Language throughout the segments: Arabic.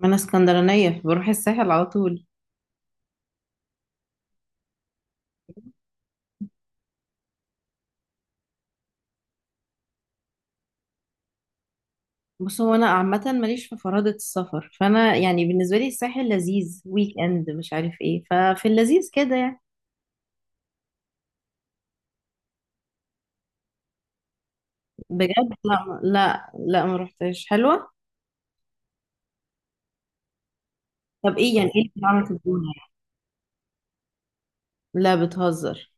ما انا اسكندرانيه، بروح الساحل على طول. بص، هو انا عامه ماليش في فرادة السفر، فانا يعني بالنسبه لي الساحل لذيذ، ويك اند مش عارف ايه، ففي اللذيذ كده يعني. بجد؟ لا لا لا ما رحتش. حلوه؟ طب ايه يعني، ايه اللي بيتعمل في الجونه يعني؟ لا بتهزر.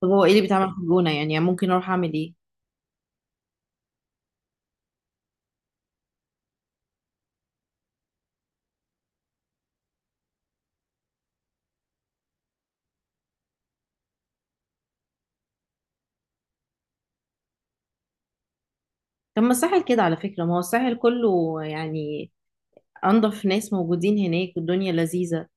طب هو ايه اللي بيتعمل في الجونه يعني، يعني ممكن اروح اعمل ايه؟ طب ما الساحل كده على فكره، ما هو الساحل كله يعني انضف ناس موجودين هناك والدنيا لذيذه.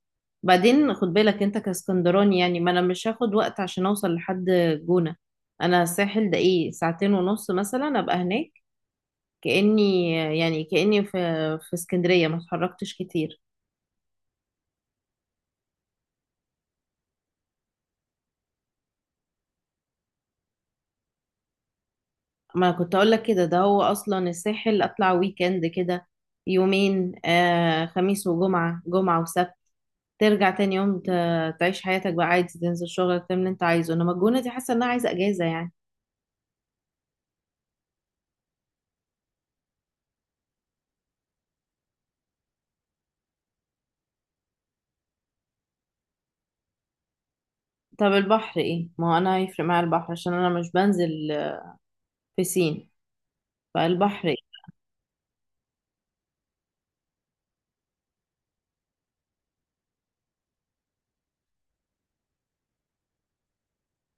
بعدين خد بالك انت كاسكندراني، يعني ما انا مش هاخد وقت عشان اوصل لحد جونة. انا الساحل ده ايه، ساعتين ونص مثلا ابقى هناك كأني يعني كأني في اسكندرية ما اتحركتش كتير. ما كنت اقول لك كده، ده هو اصلا الساحل اطلع ويكند كده، يومين، آه خميس وجمعة، جمعة وسبت، ترجع تاني يوم تعيش حياتك بقى عادي، تنزل شغلك تعمل اللي انت عايزه. انما الجونة دي حاسة انها عايزة اجازة يعني. طب البحر ايه؟ ما هو انا هيفرق معايا البحر عشان انا مش بنزل بسين فالبحر.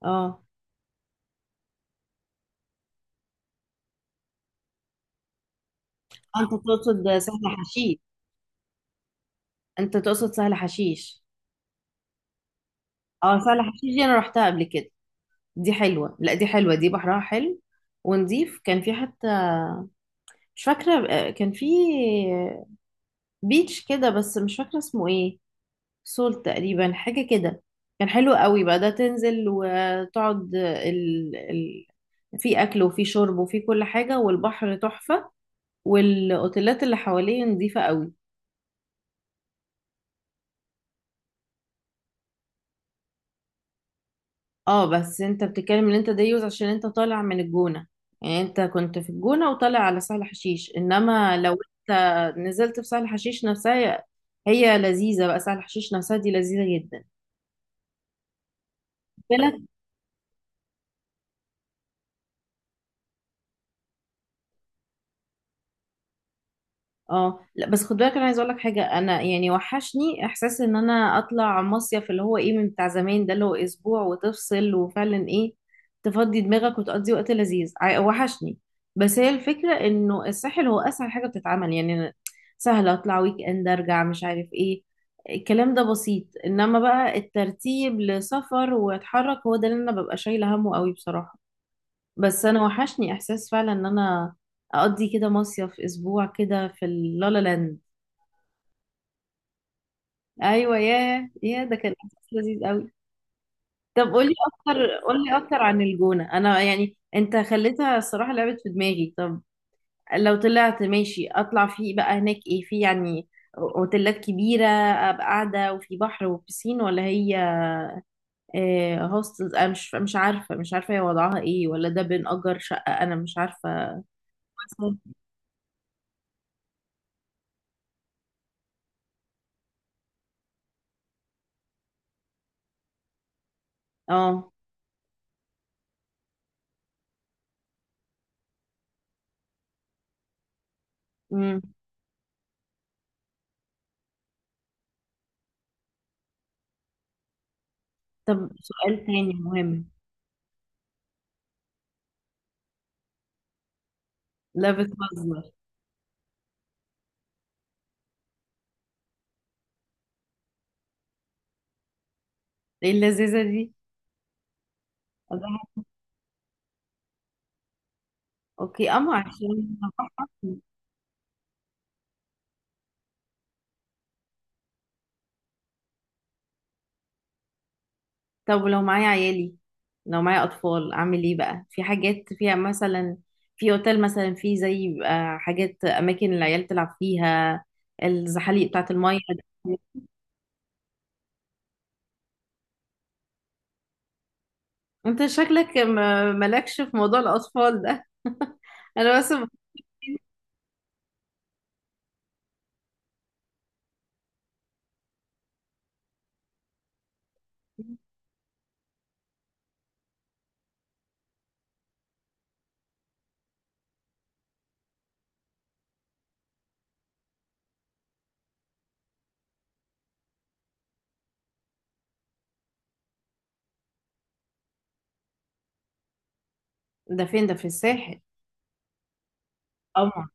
اه آه، انت تقصد سهل حشيش؟ انت تقصد سهل حشيش؟ اه سهل حشيش دي انا رحتها قبل كده. دي حلوة، لا دي حلوة، دي بحرها حلو ونضيف. كان في حتى، مش فاكرة آه، كان في بيتش كده بس مش فاكرة اسمه ايه. سول تقريبا، حاجة كده. كان حلو قوي بقى ده، تنزل وتقعد في اكل وفي شرب وفي كل حاجة، والبحر تحفة، والاوتيلات اللي حواليه نظيفة قوي. اه، بس انت بتتكلم ان انت ده يوز عشان انت طالع من الجونة، يعني انت كنت في الجونة وطالع على سهل حشيش، انما لو نزلت في سهل حشيش نفسها، هي لذيذة بقى، سهل حشيش نفسها دي لذيذة جدا. اه لا، بس خد بالك انا عايزه اقول لك حاجه، انا يعني وحشني احساس ان انا اطلع مصيف، اللي هو ايه، من بتاع زمان ده، اللي هو اسبوع وتفصل وفعلا ايه تفضي دماغك وتقضي وقت لذيذ. وحشني. بس هي الفكره انه الساحل هو اسهل حاجه بتتعمل يعني، أنا سهل اطلع ويك اند ارجع مش عارف ايه، الكلام ده بسيط. انما بقى الترتيب لسفر واتحرك هو ده اللي انا ببقى شايله همه قوي بصراحه. بس انا وحشني احساس فعلا ان انا اقضي كده مصيف اسبوع كده في اللالا لاند. ايوه، ياه ياه، ده كان احساس لذيذ قوي. طب قولي اكتر، قولي اكتر عن الجونة. انا يعني انت خليتها الصراحة لعبت في دماغي. طب لو طلعت ماشي اطلع فيه بقى، هناك ايه في يعني؟ اوتيلات كبيرة ابقى قاعدة وفي بحر وبسين، ولا هي آه، هوستلز؟ انا مش عارفة، مش عارفة هي وضعها ايه، ولا ده بنأجر شقة؟ انا مش عارفة. اه. امم. طب سؤال تاني مهم. لا بتهزر. ايه اللذيذة دي؟ أضحك. اوكي، اما عشان أضحك. طب ولو معايا عيالي، لو معايا اطفال اعمل ايه بقى؟ في حاجات فيها مثلا، في اوتيل مثلا، في زي بيبقى حاجات، اماكن العيال تلعب فيها، الزحاليق بتاعت المية دي. انت شكلك مالكش في موضوع الاطفال ده انا بس ده فين ده، في الساحل؟ طبعا.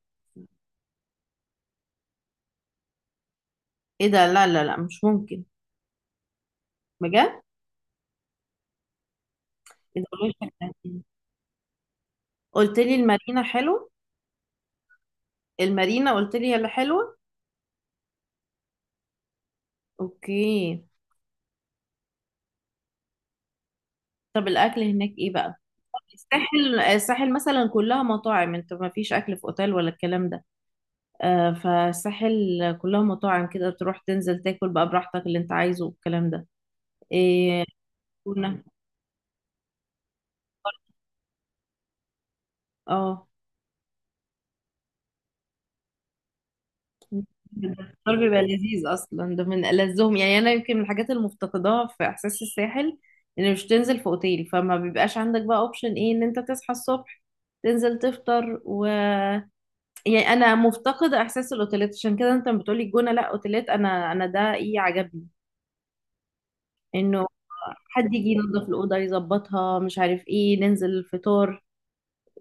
ايه ده؟ لا لا لا مش ممكن. بجد؟ إيه ده؟ قلت لي المارينا حلو؟ المارينا قلت لي هي اللي حلوة؟ اوكي. طب الاكل هناك ايه بقى؟ الساحل، الساحل مثلا كلها مطاعم، انت ما فيش اكل في اوتيل ولا الكلام ده، آه فالساحل كلها مطاعم كده، تروح تنزل تاكل بقى براحتك اللي انت عايزه والكلام ده. إيه؟ كنا. اه. الفطار بيبقى لذيذ اصلا، ده من ألذهم يعني، انا يمكن من الحاجات اللي مفتقداها في احساس الساحل ان مش تنزل في اوتيل، فما بيبقاش عندك بقى اوبشن ايه ان انت تصحى الصبح تنزل تفطر و، يعني انا مفتقدة احساس الاوتيلات. عشان كده انت بتقولي الجونة لا اوتيلات، انا انا ده ايه عجبني، انه حد يجي ينظف الاوضه يظبطها مش عارف ايه، ننزل الفطار،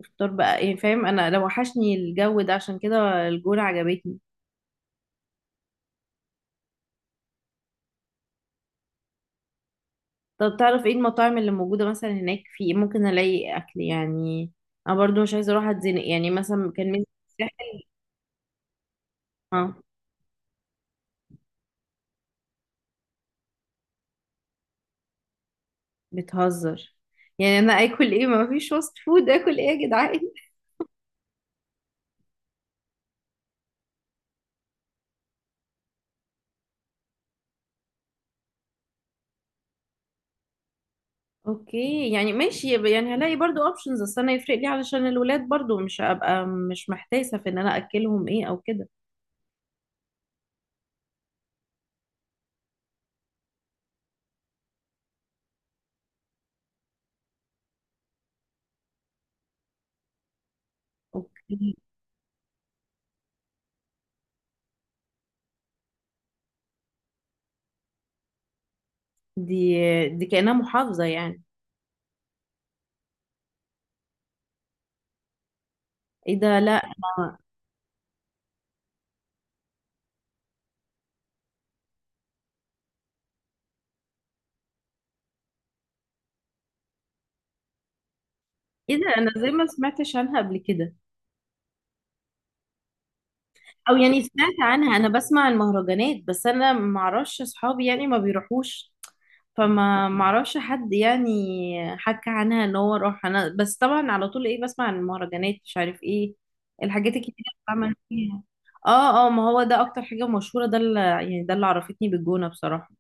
الفطار بقى ايه، فاهم؟ انا لو وحشني الجو ده، عشان كده الجونه عجبتني. طب تعرف ايه المطاعم اللي موجودة مثلا هناك في إيه؟ ممكن الاقي اكل يعني؟ انا برضو مش عايزة اروح اتزنق يعني، مثلا كان من الساحل. اه. بتهزر؟ يعني انا اكل ايه، ما فيش فاست فود، اكل ايه يا جدعان؟ اوكي، يعني ماشي، يبقى يعني هلاقي برضو اوبشنز. اصل انا يفرق لي علشان الولاد، برضو مش هبقى مش محتاسة في ان انا اكلهم ايه او كده. اوكي. دي دي كأنها محافظة يعني؟ ايه ده، لا ايه ده، انا زي ما سمعتش عنها قبل كده. او يعني سمعت عنها، انا بسمع المهرجانات، بس انا ما اعرفش اصحابي يعني ما بيروحوش، فما ما اعرفش حد يعني حكى عنها ان هو راح. انا بس طبعا على طول ايه بسمع عن المهرجانات مش عارف ايه، الحاجات الكتير اللي بعمل فيها. اه اه، ما هو ده اكتر حاجة مشهورة، ده اللي يعني ده اللي عرفتني بالجونة بصراحة.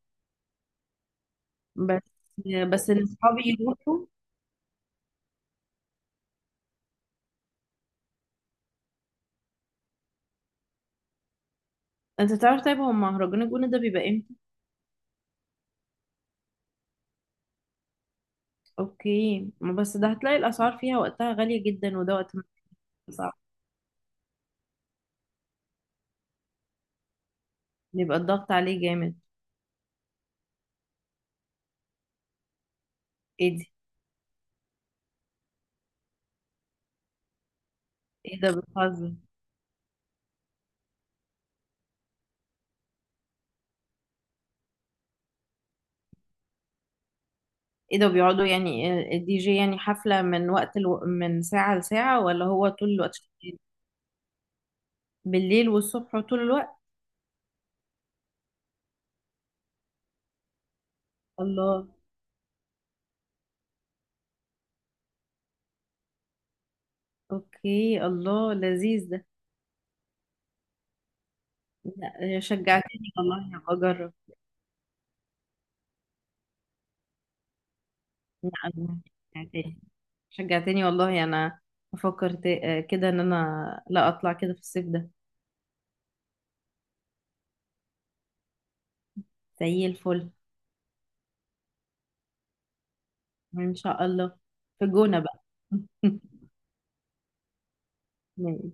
بس، بس ان اصحابي يروحوا. انت تعرف طيب، هو مهرجان الجونة ده بيبقى امتى؟ اوكي، ما بس ده هتلاقي الاسعار فيها وقتها غالية جدا، وده وقت ما بيبقى صعب، بيبقى الضغط عليه جامد. ايه دي؟ ايه ده، بتهزر؟ ايه ده، بيقعدوا يعني؟ الدي جي يعني حفلة من وقت من ساعة لساعة، ولا هو طول الوقت شغال؟ بالليل والصبح وطول الوقت؟ الله. اوكي، الله، لذيذ ده. لا شجعتني والله، هبقى اجرب. لا أنا، شجعتني، شجعتني والله. انا بفكر آه، كده ان انا لا اطلع كده في الصيف ده. زي الفل. ان شاء الله. في الجونة بقى. ماشي.